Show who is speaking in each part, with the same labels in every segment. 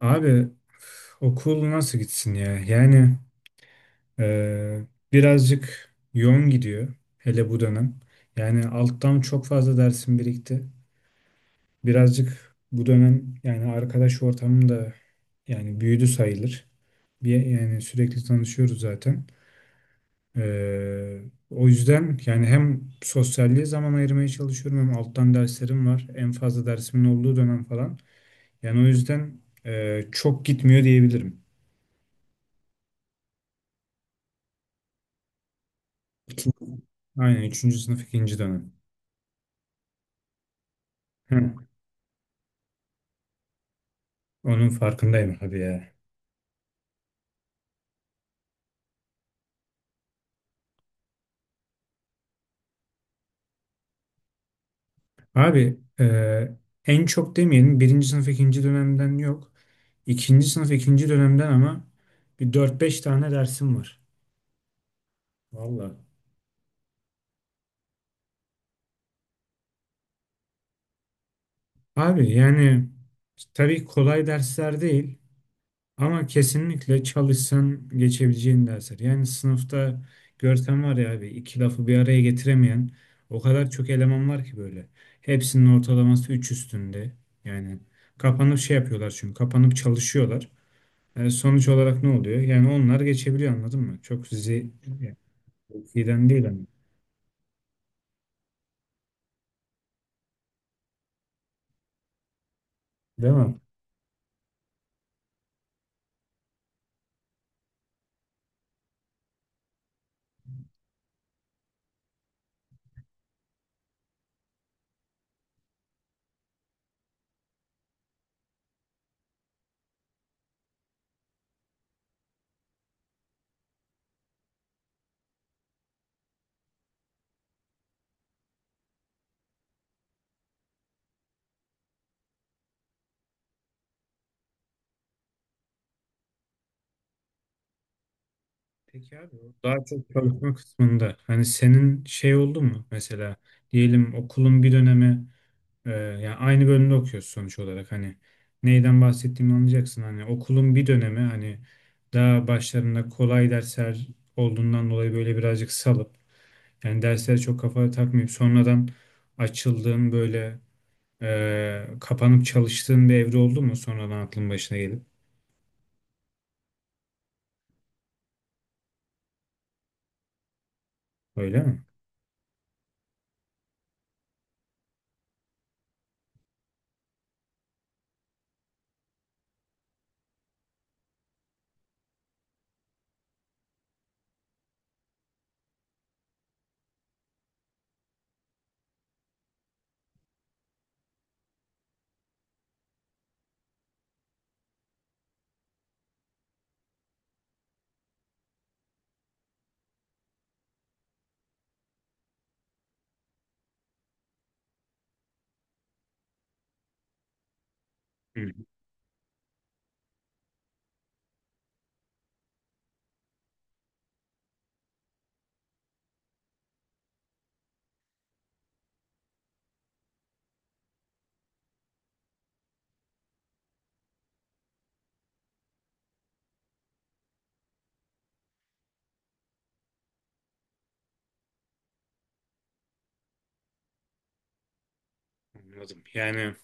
Speaker 1: Abi okul nasıl gitsin ya? Yani e, birazcık yoğun gidiyor hele bu dönem. Yani alttan çok fazla dersim birikti. Birazcık bu dönem yani arkadaş ortamım da yani büyüdü sayılır. Bir, yani sürekli tanışıyoruz zaten. E, O yüzden yani hem sosyalliğe zaman ayırmaya çalışıyorum hem alttan derslerim var. En fazla dersimin olduğu dönem falan. Yani o yüzden çok gitmiyor diyebilirim. Üçüncü, aynen üçüncü sınıf ikinci dönem. Hı, onun farkındayım abi ya. Abi en çok demeyelim birinci sınıf ikinci dönemden yok. İkinci sınıf ikinci dönemden ama bir dört beş tane dersim var. Valla. Abi yani tabii kolay dersler değil. Ama kesinlikle çalışsan geçebileceğin dersler. Yani sınıfta görsen var ya abi iki lafı bir araya getiremeyen o kadar çok eleman var ki böyle. Hepsinin ortalaması 3 üstünde. Yani kapanıp şey yapıyorlar çünkü kapanıp çalışıyorlar. Sonuç olarak ne oluyor? Yani onlar geçebiliyor anladın mı? Çok sizi yani, iyiden değil hani. Değil mi? Peki abi o daha çok çalışma kısmında hani senin şey oldu mu mesela diyelim okulun bir dönemi. Yani aynı bölümde okuyoruz sonuç olarak hani neyden bahsettiğimi anlayacaksın, hani okulun bir dönemi, hani daha başlarında kolay dersler olduğundan dolayı böyle birazcık salıp yani derslere çok kafa takmayıp sonradan açıldığın böyle kapanıp çalıştığın bir evre oldu mu sonradan aklın başına gelip? Öyle mi? Hı, anladım. Yani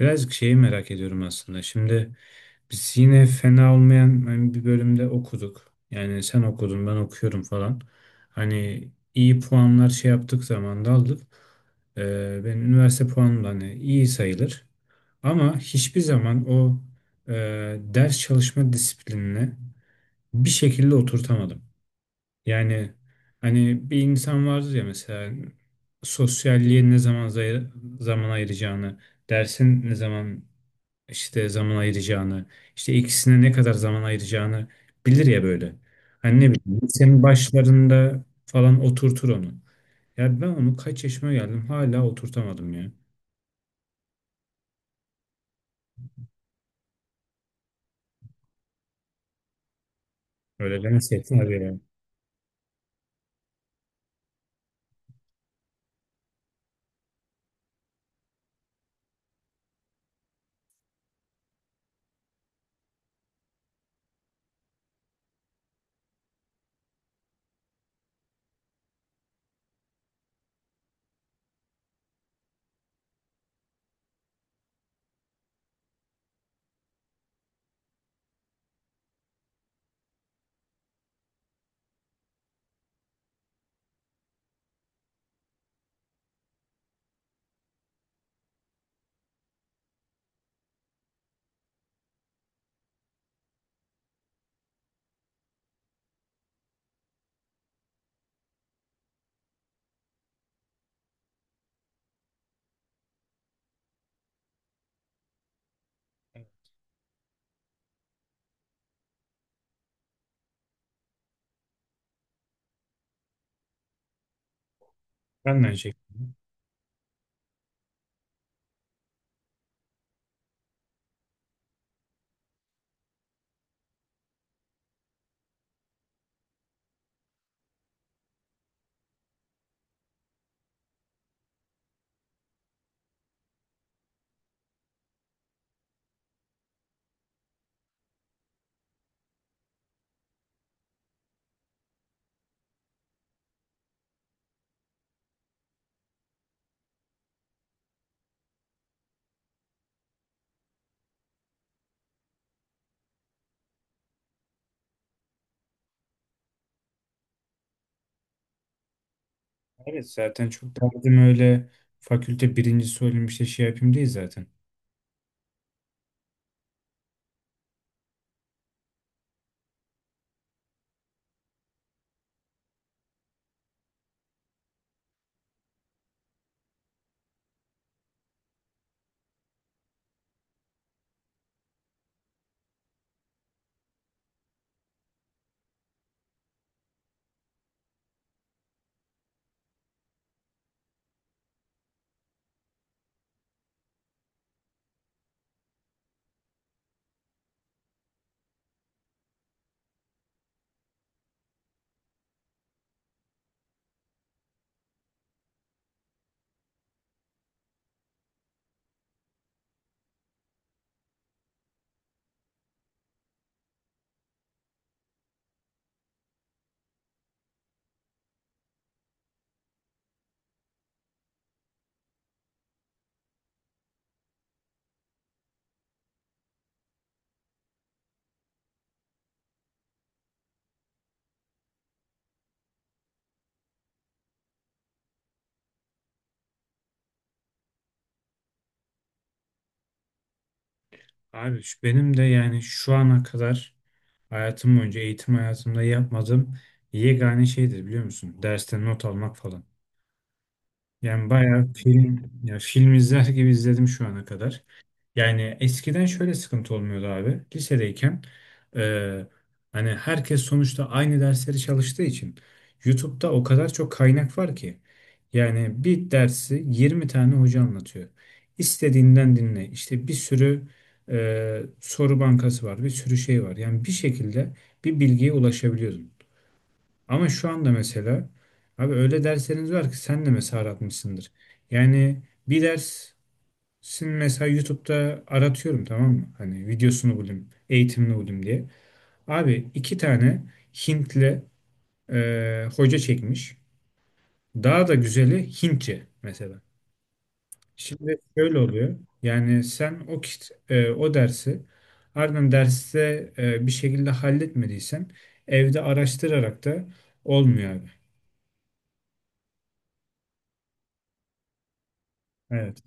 Speaker 1: birazcık şeyi merak ediyorum aslında. Şimdi biz yine fena olmayan hani bir bölümde okuduk. Yani sen okudun, ben okuyorum falan. Hani iyi puanlar şey yaptık zaman da aldık. Benim üniversite puanım da hani iyi sayılır. Ama hiçbir zaman o e, ders çalışma disiplinini bir şekilde oturtamadım. Yani hani bir insan vardır ya mesela sosyalliğe ne zaman zaman ayıracağını, dersin ne zaman işte zaman ayıracağını, işte ikisine ne kadar zaman ayıracağını bilir ya böyle. Hani ne bileyim lisenin başlarında falan oturtur onu. Ya ben onu kaç yaşıma geldim hala oturtamadım ya. Öyle dans ettiler ya. Ben de aynı şekilde. Evet, zaten çok derdim öyle fakülte birincisi olayım işte şey yapayım değil zaten. Abi benim de yani şu ana kadar hayatım boyunca eğitim hayatımda yapmadığım yegane şeydir biliyor musun? Dersten not almak falan. Yani bayağı film ya film izler gibi izledim şu ana kadar. Yani eskiden şöyle sıkıntı olmuyordu abi. Lisedeyken e, hani herkes sonuçta aynı dersleri çalıştığı için YouTube'da o kadar çok kaynak var ki. Yani bir dersi 20 tane hoca anlatıyor. İstediğinden dinle. İşte bir sürü soru bankası var, bir sürü şey var. Yani bir şekilde bir bilgiye ulaşabiliyordum. Ama şu anda mesela abi öyle dersleriniz var ki sen de mesela aratmışsındır. Yani bir dersin mesela YouTube'da aratıyorum, tamam mı? Hani videosunu bulayım, eğitimini bulayım diye. Abi iki tane Hintli hoca çekmiş. Daha da güzeli Hintçe mesela. Şimdi şöyle oluyor. Yani sen o o dersi ardından derste bir şekilde halletmediysen evde araştırarak da olmuyor abi. Evet.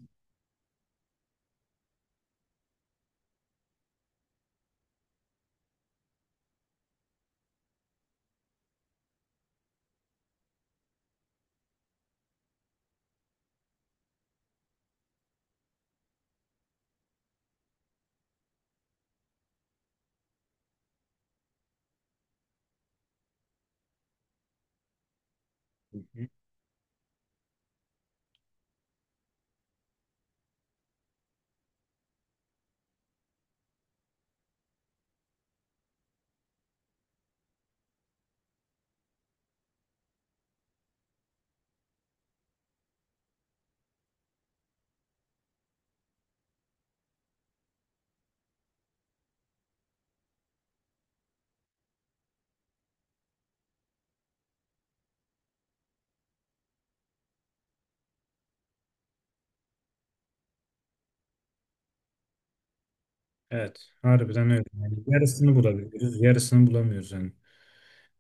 Speaker 1: Evet, harbiden öyle. Yani yarısını bulabiliyoruz, yarısını bulamıyoruz yani.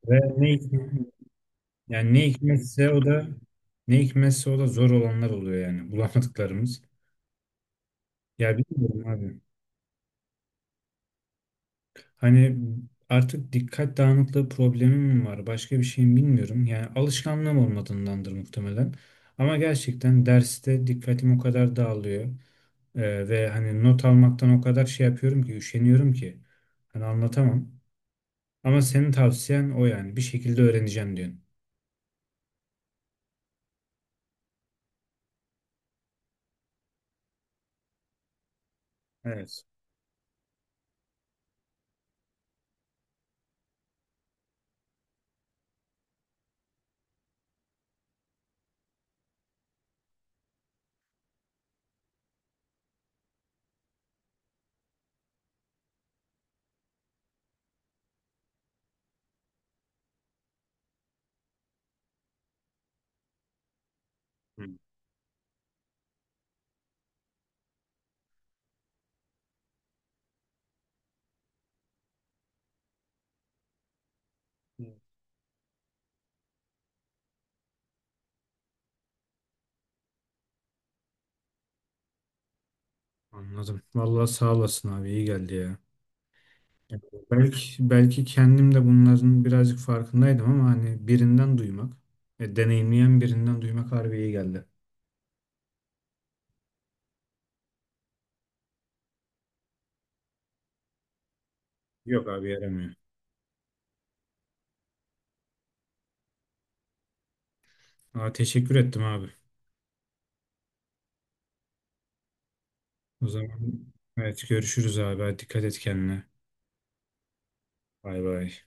Speaker 1: Ve yani ne hikmetse o da zor olanlar oluyor yani bulamadıklarımız. Ya bilmiyorum abi. Hani artık dikkat dağınıklığı problemim mi var, başka bir şeyim bilmiyorum. Yani alışkanlığım olmadığındandır muhtemelen. Ama gerçekten derste dikkatim o kadar dağılıyor. Ve hani not almaktan o kadar şey yapıyorum ki, üşeniyorum ki. Hani anlatamam. Ama senin tavsiyen o yani. Bir şekilde öğreneceğim diyorsun. Evet. Hı. Anladım. Vallahi sağ olasın abi. İyi geldi ya. Evet. Belki kendim de bunların birazcık farkındaydım ama hani birinden duymak, deneyimleyen birinden duymak harbi iyi geldi. Yok abi yaramıyor. Aa, teşekkür ettim abi. O zaman evet görüşürüz abi. Hadi dikkat et kendine. Bay bay.